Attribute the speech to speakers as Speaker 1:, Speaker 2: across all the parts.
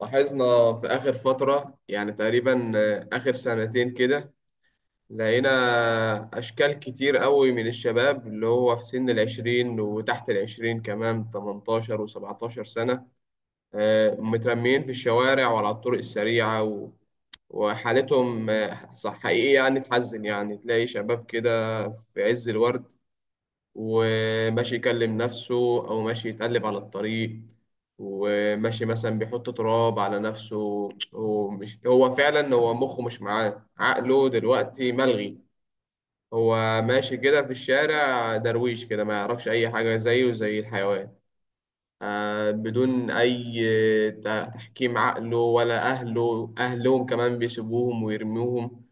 Speaker 1: لاحظنا في آخر فترة يعني تقريبا آخر سنتين كده، لقينا أشكال كتير قوي من الشباب اللي هو في سن العشرين وتحت العشرين كمان، 18 وسبعتاشر سنة. مترميين في الشوارع وعلى الطرق السريعة وحالتهم صح، حقيقي يعني تحزن، يعني تلاقي شباب كده في عز الورد وماشي يكلم نفسه، أو ماشي يتقلب على الطريق، وماشي مثلا بيحط تراب على نفسه. هو فعلا مخه مش معاه، عقله دلوقتي ملغي. هو ماشي كده في الشارع درويش كده، ما يعرفش أي حاجة، زيه زي الحيوان، بدون أي تحكيم عقله، ولا أهلهم كمان بيسيبوهم ويرموهم.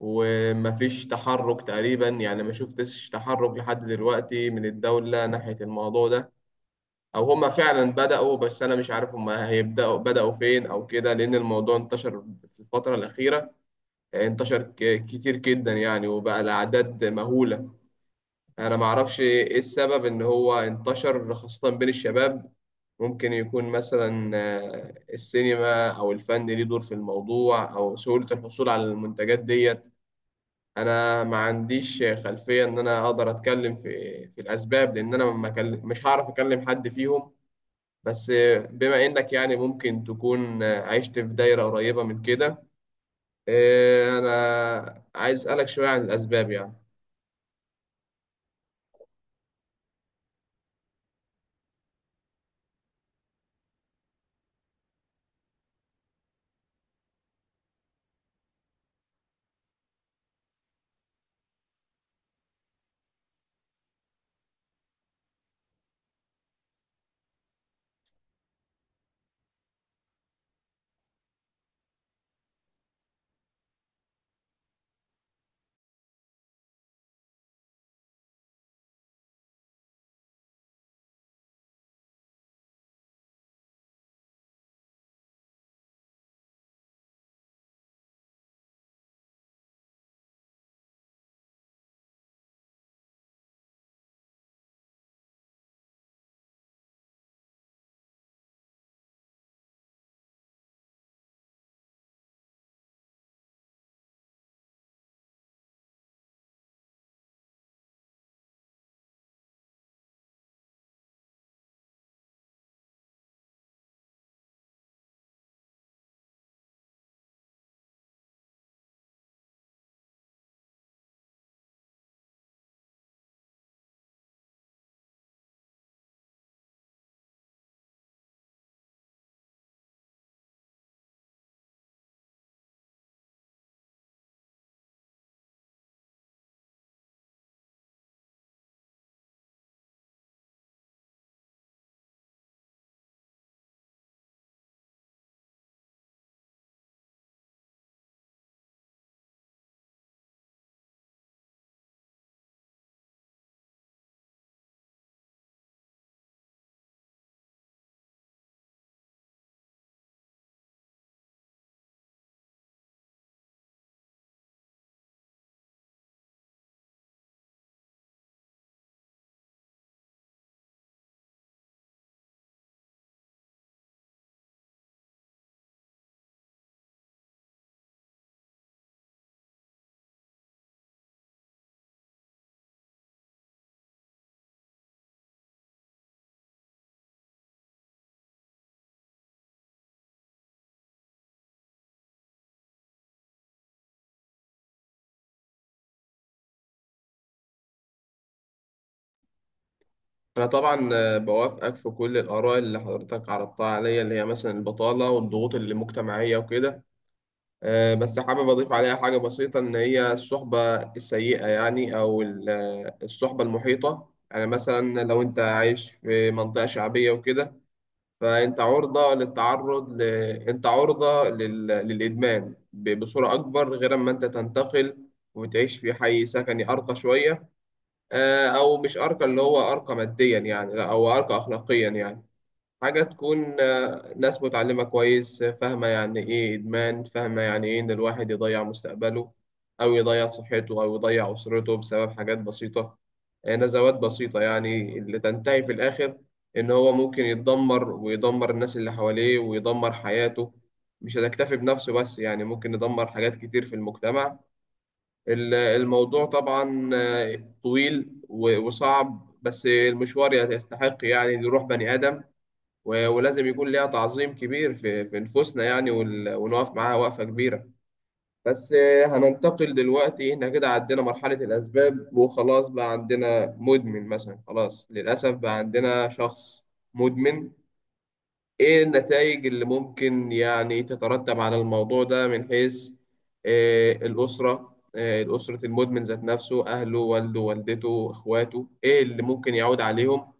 Speaker 1: ومفيش تحرك تقريبا، يعني ما شفتش تحرك لحد دلوقتي من الدولة ناحية الموضوع ده، أو هما فعلا بدأوا بس أنا مش عارف هما بدأوا فين أو كده، لأن الموضوع انتشر في الفترة الأخيرة. انتشر كتير جدا يعني، وبقى الأعداد مهولة. أنا معرفش إيه السبب إن هو انتشر خاصة بين الشباب. ممكن يكون مثلا السينما أو الفن ليه دور في الموضوع، أو سهولة الحصول على المنتجات ديت. انا ما عنديش خلفيه ان انا اقدر اتكلم في الاسباب، لان انا ما كل- مش هعرف اكلم حد فيهم. بس بما انك يعني ممكن تكون عشت في دايره قريبه من كده، إيه، انا عايز اسالك شويه عن الاسباب يعني. انا طبعا بوافقك في كل الاراء اللي حضرتك عرضتها عليا، اللي هي مثلا البطاله والضغوط المجتمعيه وكده. بس حابب أضيف عليها حاجة بسيطة، إن هي الصحبة السيئة يعني، أو الصحبة المحيطة، يعني مثلا لو أنت عايش في منطقة شعبية وكده، فأنت عرضة أنت عرضة للإدمان بصورة أكبر، غير أما أنت تنتقل وتعيش في حي سكني أرقى شوية. أو مش أرقى، اللي هو أرقى ماديا يعني لا، أو أرقى أخلاقيا يعني. حاجة تكون ناس متعلمة كويس، فاهمة يعني إيه إدمان، فاهمة يعني إيه إن الواحد يضيع مستقبله، أو يضيع صحته، أو يضيع أسرته بسبب حاجات بسيطة. نزوات بسيطة يعني، اللي تنتهي في الآخر إن هو ممكن يتدمر ويدمر الناس اللي حواليه ويدمر حياته. مش هتكتفي بنفسه بس، يعني ممكن يدمر حاجات كتير في المجتمع. الموضوع طبعا طويل وصعب، بس المشوار يستحق يعني إن يروح بني آدم، ولازم يكون ليها تعظيم كبير في نفوسنا يعني، ونقف معاها وقفة كبيرة. بس هننتقل دلوقتي، احنا كده عدينا مرحلة الأسباب، وخلاص بقى عندنا مدمن مثلا، خلاص للأسف بقى عندنا شخص مدمن. ايه النتائج اللي ممكن يعني تترتب على الموضوع ده، من حيث الأسرة، المدمن ذات نفسه، أهله، والده، والدته، إخواته، إيه اللي ممكن يعود عليهم؟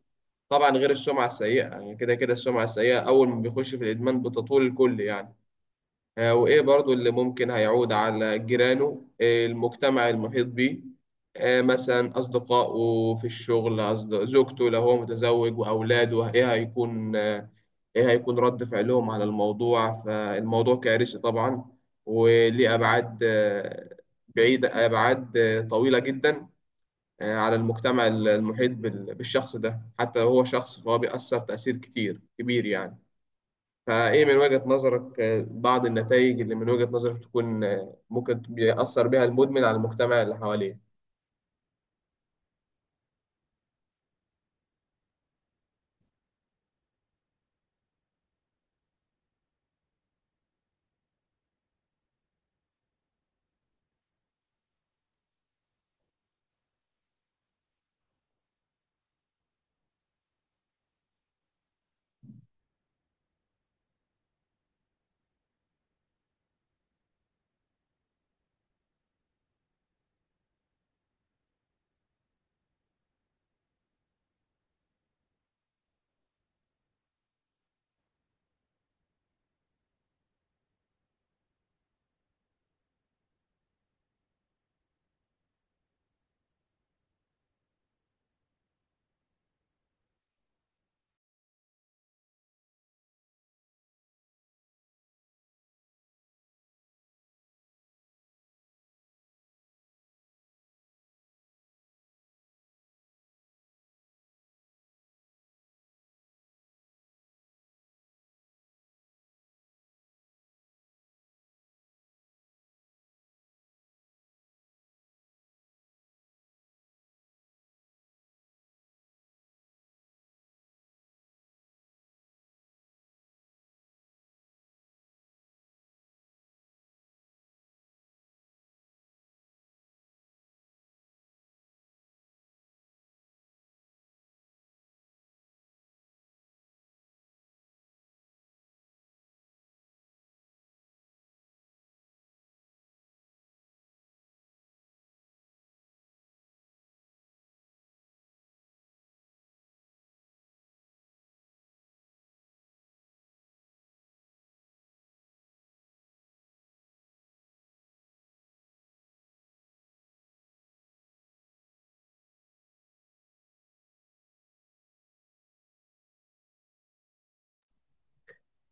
Speaker 1: طبعا غير السمعة السيئة، يعني كده كده السمعة السيئة أول ما بيخش في الإدمان بتطول الكل يعني. وإيه برضو اللي ممكن هيعود على جيرانه، المجتمع المحيط بيه، مثلا أصدقائه في الشغل، زوجته لو هو متزوج، وأولاده، إيه هيكون إيه هيكون رد فعلهم على الموضوع؟ فالموضوع كارثي طبعا، وليه أبعاد بعيدة، أبعاد طويلة جدا على المجتمع المحيط بالشخص ده. حتى لو هو شخص، فهو بيأثر تأثير كتير كبير يعني. فإيه من وجهة نظرك بعض النتائج اللي من وجهة نظرك تكون ممكن بيأثر بها المدمن على المجتمع اللي حواليه؟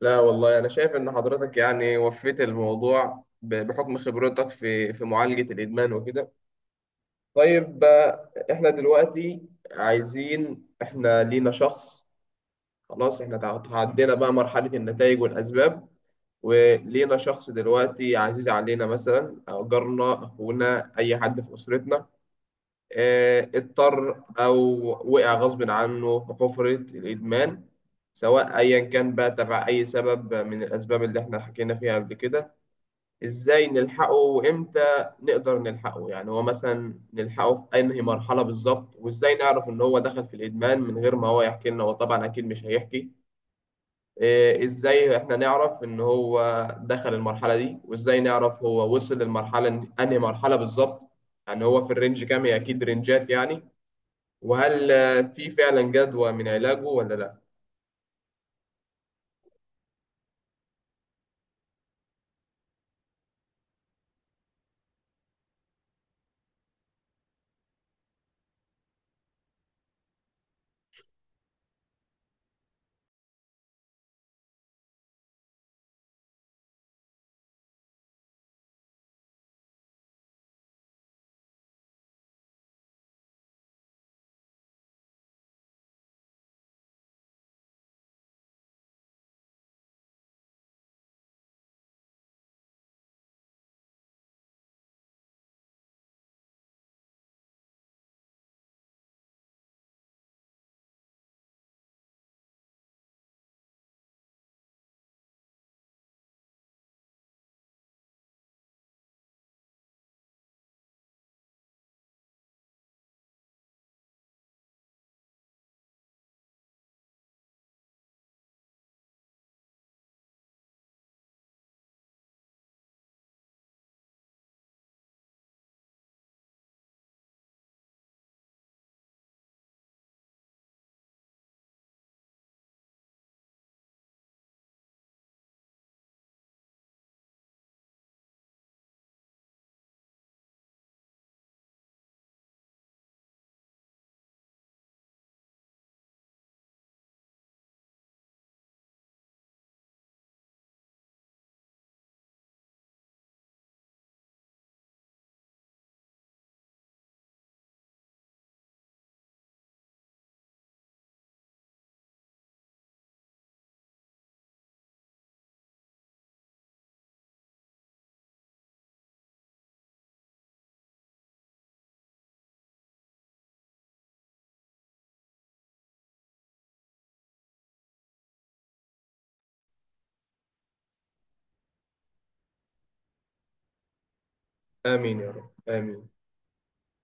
Speaker 1: لا والله، أنا شايف إن حضرتك يعني وفيت الموضوع بحكم خبرتك في معالجة الإدمان وكده. طيب إحنا دلوقتي عايزين، إحنا لينا شخص، خلاص إحنا تعدينا بقى مرحلة النتائج والأسباب، ولينا شخص دلوقتي عزيز علينا، مثلا أو جارنا، أخونا، أي حد في أسرتنا، اضطر أو وقع غصب عنه في حفرة الإدمان، سواء أيا كان بقى تبع أي سبب من الأسباب اللي إحنا حكينا فيها قبل كده. إزاي نلحقه؟ وإمتى نقدر نلحقه؟ يعني هو مثلا نلحقه في أنهي مرحلة بالظبط؟ وإزاي نعرف إن هو دخل في الإدمان من غير ما هو يحكي لنا؟ هو طبعا أكيد مش هيحكي. إيه، ازاي احنا نعرف ان هو دخل المرحله دي؟ وازاي نعرف هو وصل للمرحله انهي مرحله بالظبط؟ يعني هو في الرينج كام؟ هي اكيد رينجات يعني. وهل في فعلا جدوى من علاجه ولا لا؟ امين يا رب، امين.